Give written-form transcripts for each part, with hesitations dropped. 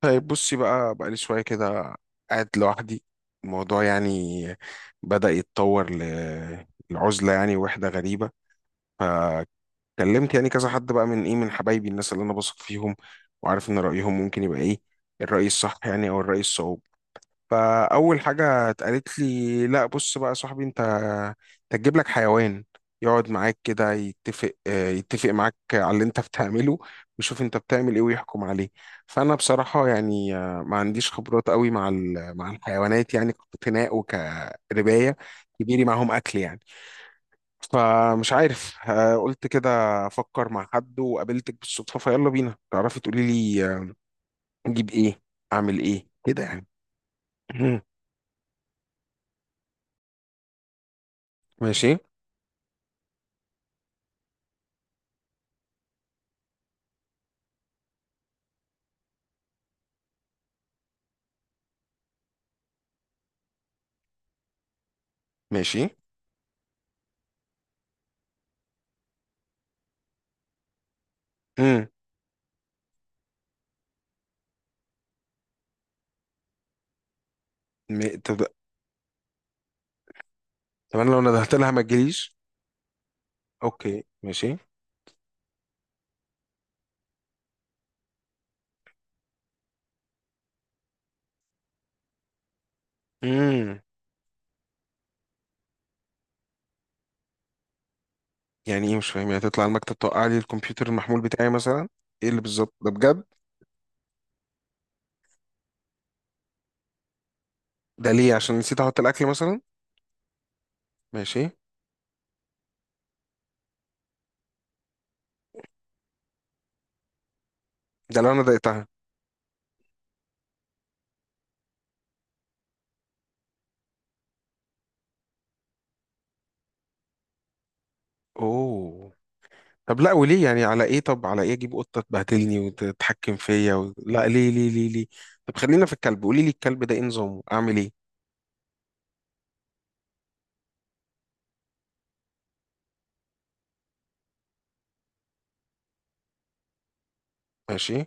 طيب، بصي بقى، بقالي شوية كده قاعد لوحدي. الموضوع يعني بدأ يتطور ل- لعزلة، يعني وحدة غريبة. فكلمت يعني كذا حد بقى، من إيه، من حبايبي، الناس اللي أنا بثق فيهم وعارف إن رأيهم ممكن يبقى إيه، الرأي الصح يعني، أو الرأي الصواب. فأول حاجة اتقالت لي، لا بص بقى يا صاحبي، أنت هتجيب لك حيوان يقعد معاك كده، يتفق يتفق معاك على اللي أنت بتعمله، ويشوف أنت بتعمل إيه ويحكم عليه. فأنا بصراحة يعني ما عنديش خبرات قوي مع مع الحيوانات، يعني كاقتناء وكرباية كبيري معاهم أكل يعني. فمش عارف قلت كده أفكر مع حد، وقابلتك بالصدفة فيلا بينا تعرفي تقولي لي أجيب إيه، أعمل إيه كده يعني. ماشي، ماشي. امم. طب، طب انا لو ندهت لها ما تجيليش؟ اوكي، ماشي. امم، يعني ايه؟ مش فاهم. يعني تطلع على المكتب توقع لي الكمبيوتر المحمول بتاعي مثلا؟ ايه اللي بالظبط ده بجد؟ ده ليه؟ عشان نسيت احط الاكل مثلا؟ ماشي. ده لو انا ضايقتها؟ اوه. طب لا، وليه يعني؟ على ايه؟ طب على ايه اجيب قطه تبهدلني وتتحكم فيا لا، ليه ليه ليه ليه؟ طب خلينا في الكلب، قولي لي الكلب ده ايه نظامه، اعمل ايه؟ ماشي.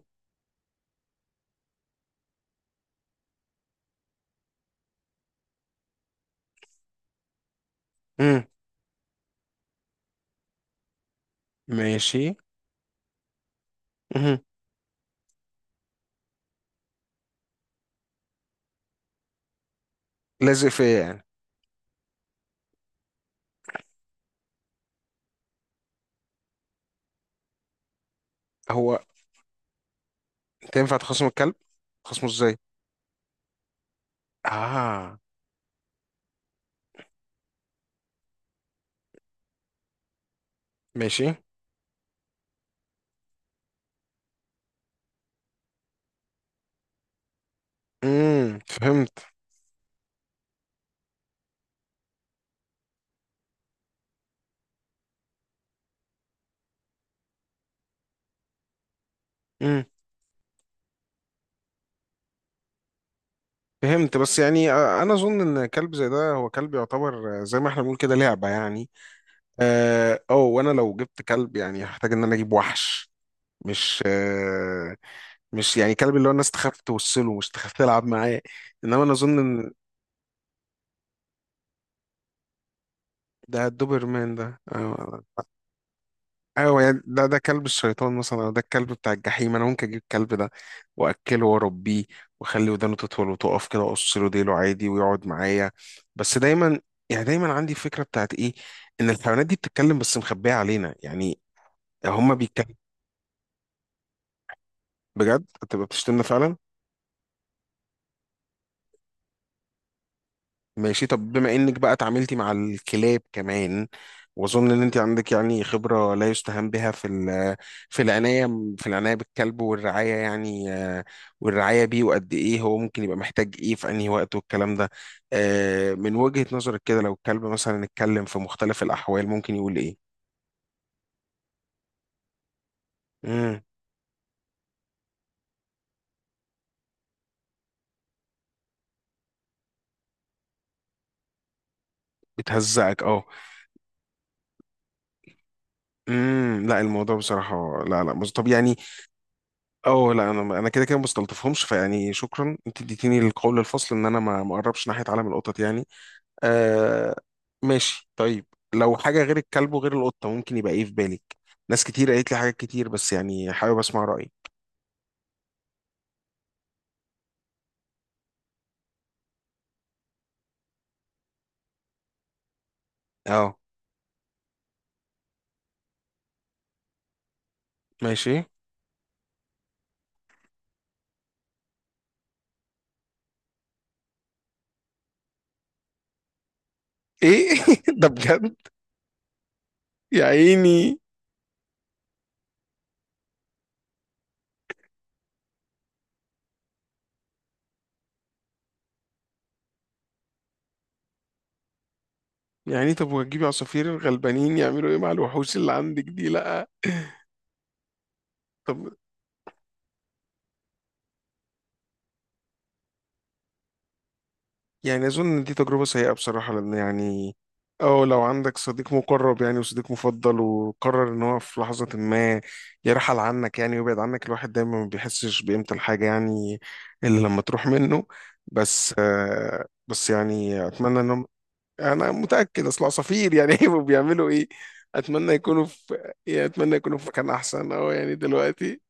امم. ماشي. امم. لازق فيا يعني. هو انت ينفع تخصم الكلب؟ تخصمه ازاي؟ اه. ماشي. امم، فهمت. امم، فهمت. بس يعني انا اظن ان كلب زي ده هو كلب يعتبر زي ما احنا بنقول كده، لعبه يعني. اه وانا لو جبت كلب يعني هحتاج ان انا اجيب وحش. مش آه مش يعني كلب اللي هو الناس تخاف توصله، مش تخاف تلعب معاه. انما انا اظن ان ده الدوبرمان ده، آه. ايوه يعني، ده كلب الشيطان مثلا، او ده الكلب بتاع الجحيم. انا ممكن اجيب الكلب ده واكله واربيه، واخلي ودانه تطول وتقف كده، واقص له ديله عادي ويقعد معايا. بس دايما، يعني دايما عندي فكره بتاعت ايه، ان الحيوانات دي بتتكلم بس مخبيه علينا يعني. هما بيتكلموا. بجد، انت بتشتمنا فعلا؟ ماشي. طب بما انك بقى اتعاملتي مع الكلاب كمان، واظن ان انت عندك يعني خبره لا يستهان بها في في العنايه، في العنايه بالكلب والرعايه، يعني والرعايه بيه، وقد ايه هو ممكن يبقى محتاج ايه في انهي وقت والكلام ده. من وجهه نظرك كده، لو الكلب مثلا اتكلم في مختلف الاحوال ممكن يقول ايه؟ امم. بتهزقك، اه. امم. لا، الموضوع بصراحه لا، لا، طب يعني. اه لا، انا كده كده ما بستلطفهمش، فيعني شكرا، انت اديتيني القول الفصل ان انا ما اقربش ناحيه عالم القطط يعني. آه. ماشي، طيب. لو حاجه غير الكلب وغير القطه ممكن يبقى ايه في بالك؟ ناس كتير قالت لي حاجات كتير، بس يعني حابب اسمع رايك. اه، ماشي. ايه؟ ده بجد؟ يا عيني. يعني طب، وهتجيبي عصافير الغلبانين يعملوا ايه مع الوحوش اللي عندك دي؟ لا. طب يعني أظن إن دي تجربة سيئة بصراحة، لأن يعني، أو لو عندك صديق مقرب يعني، وصديق مفضل، وقرر إن هو في لحظة ما يرحل عنك يعني، ويبعد عنك، الواحد دايما ما بيحسش بقيمة الحاجة يعني، إلا لما تروح منه. بس بس يعني أتمنى إن هم، انا متاكد اصل عصافير يعني هيبقوا بيعملوا ايه. اتمنى يكونوا في، يعني اتمنى يكونوا في مكان احسن، اه يعني دلوقتي.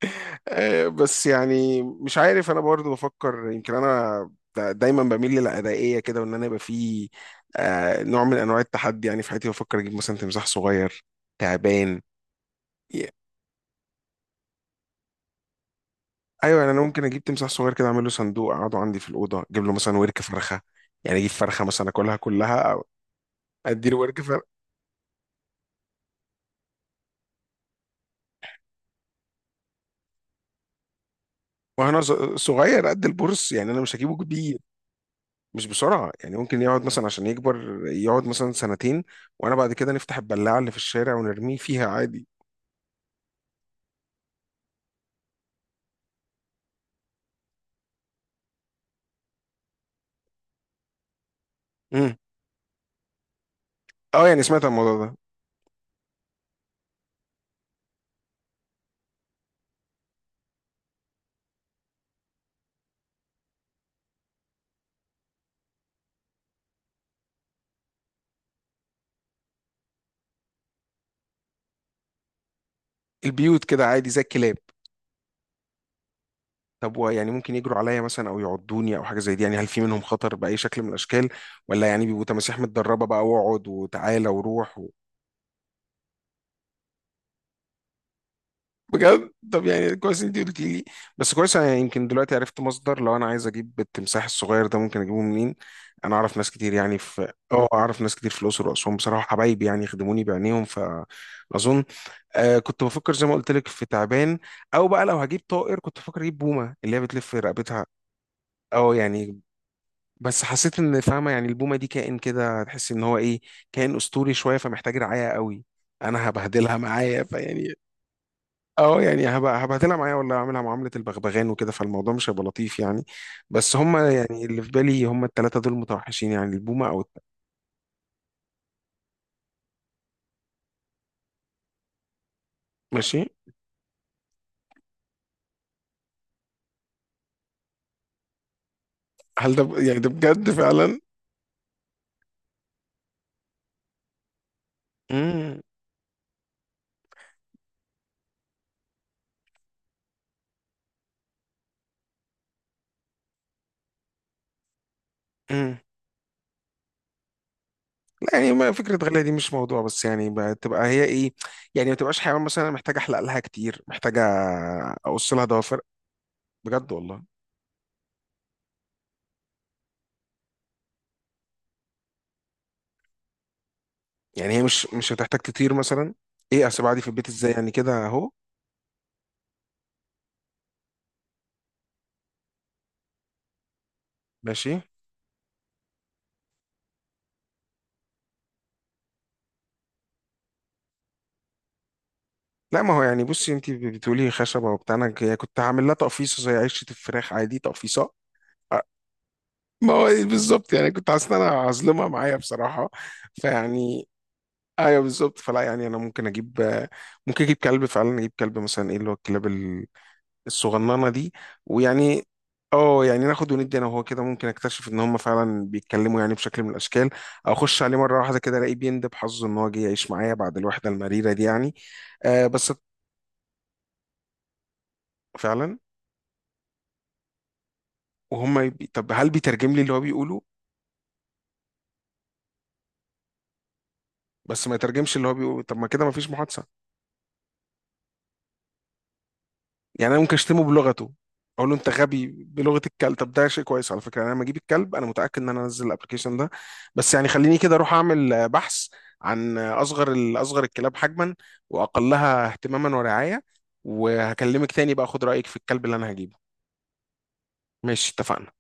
بس يعني مش عارف، انا برضو بفكر يمكن انا دايما بميل للأدائية كده، وان انا يبقى في نوع من انواع التحدي يعني في حياتي. بفكر اجيب مثلا تمساح صغير، تعبان. ي- ايوه، يعني انا ممكن اجيب تمساح صغير كده، اعمل له صندوق اقعده عندي في الاوضه، اجيب له مثلا ورك فرخه. يعني اجيب فرخه مثلا اكلها كلها، او ادي له ورك. وانا صغير قد البورس يعني، انا مش هجيبه كبير، مش بسرعه يعني. ممكن يقعد مثلا عشان يكبر يقعد مثلا سنتين، وانا بعد كده نفتح البلاعه اللي في الشارع ونرميه فيها عادي. امم. اه يعني سمعت عن الموضوع ده. البيوت كده عادي زي الكلاب. طب يعني ممكن يجروا عليا مثلا او يعضوني او حاجه زي دي يعني، هل في منهم خطر باي شكل من الاشكال؟ ولا يعني بيبقوا تماسيح متدربه بقى، واقعد وتعالى وروح؟ بجد؟ طب يعني كويس انت قلت لي، بس كويس انا يمكن دلوقتي عرفت مصدر، لو انا عايز اجيب التمساح الصغير ده ممكن اجيبه منين. انا اعرف ناس كتير يعني في اه، اعرف ناس كتير في الاقصر واسوان بصراحه، حبايبي يعني يخدموني بعينيهم، فاظن. آه، كنت بفكر زي ما قلت لك في تعبان، او بقى لو هجيب طائر كنت بفكر اجيب بومه، اللي هي بتلف رقبتها. اه يعني، بس حسيت ان فاهمه يعني البومه دي كائن كده، تحس ان هو ايه، كائن اسطوري شويه، فمحتاج رعايه قوي، انا هبهدلها معايا فيعني. اه يعني، هبقى هبهدلها معايا ولا اعملها معاملة البغبغان وكده، فالموضوع مش هيبقى لطيف يعني. بس يعني اللي في بالي هما التلاتة دول متوحشين يعني، البومة او ماشي. هل ده يعني ده بجد فعلا؟ امم. امم. لا يعني، ما فكرة غالية دي مش موضوع، بس يعني بتبقى هي ايه، يعني ما تبقاش حيوان مثلا محتاجة احلق لها كتير، محتاجة اقص لها ضوافر. بجد والله. يعني هي مش، مش هتحتاج تطير مثلا؟ ايه، اسيب عادي في البيت ازاي، يعني كده اهو؟ ماشي. لا، ما هو يعني بصي، انت بتقولي خشبه وبتاع، انا كنت هعمل لها تقفيصه زي عشه الفراخ عادي، تقفيصه. أه، ما هو إيه بالظبط يعني، كنت حاسس ان انا هظلمها معايا بصراحه، فيعني. ايوه، بالظبط. فلا يعني انا ممكن اجيب، ممكن اجيب كلب فعلا. اجيب كلب مثلا ايه اللي هو الكلاب الصغننه دي، ويعني اه يعني ناخد وندي انا وهو كده، ممكن اكتشف ان هم فعلا بيتكلموا يعني بشكل من الاشكال، او اخش عليه مره واحده كده الاقيه بيندب حظه ان هو جه يعيش معايا بعد الوحده المريره دي يعني. آه بس. فعلا. وهم طب هل بيترجم لي اللي هو بيقوله؟ بس ما يترجمش اللي هو بيقوله؟ طب ما كده ما فيش محادثه. يعني انا ممكن اشتمه بلغته، اقول له انت غبي بلغه الكلب؟ طب ده شيء كويس على فكره، يعني انا لما اجيب الكلب انا متاكد ان انا انزل الابلكيشن ده. بس يعني خليني كده اروح اعمل بحث عن اصغر اصغر الكلاب حجما، واقلها اهتماما ورعايه، وهكلمك تاني بقى اخد رايك في الكلب اللي انا هجيبه. ماشي، اتفقنا.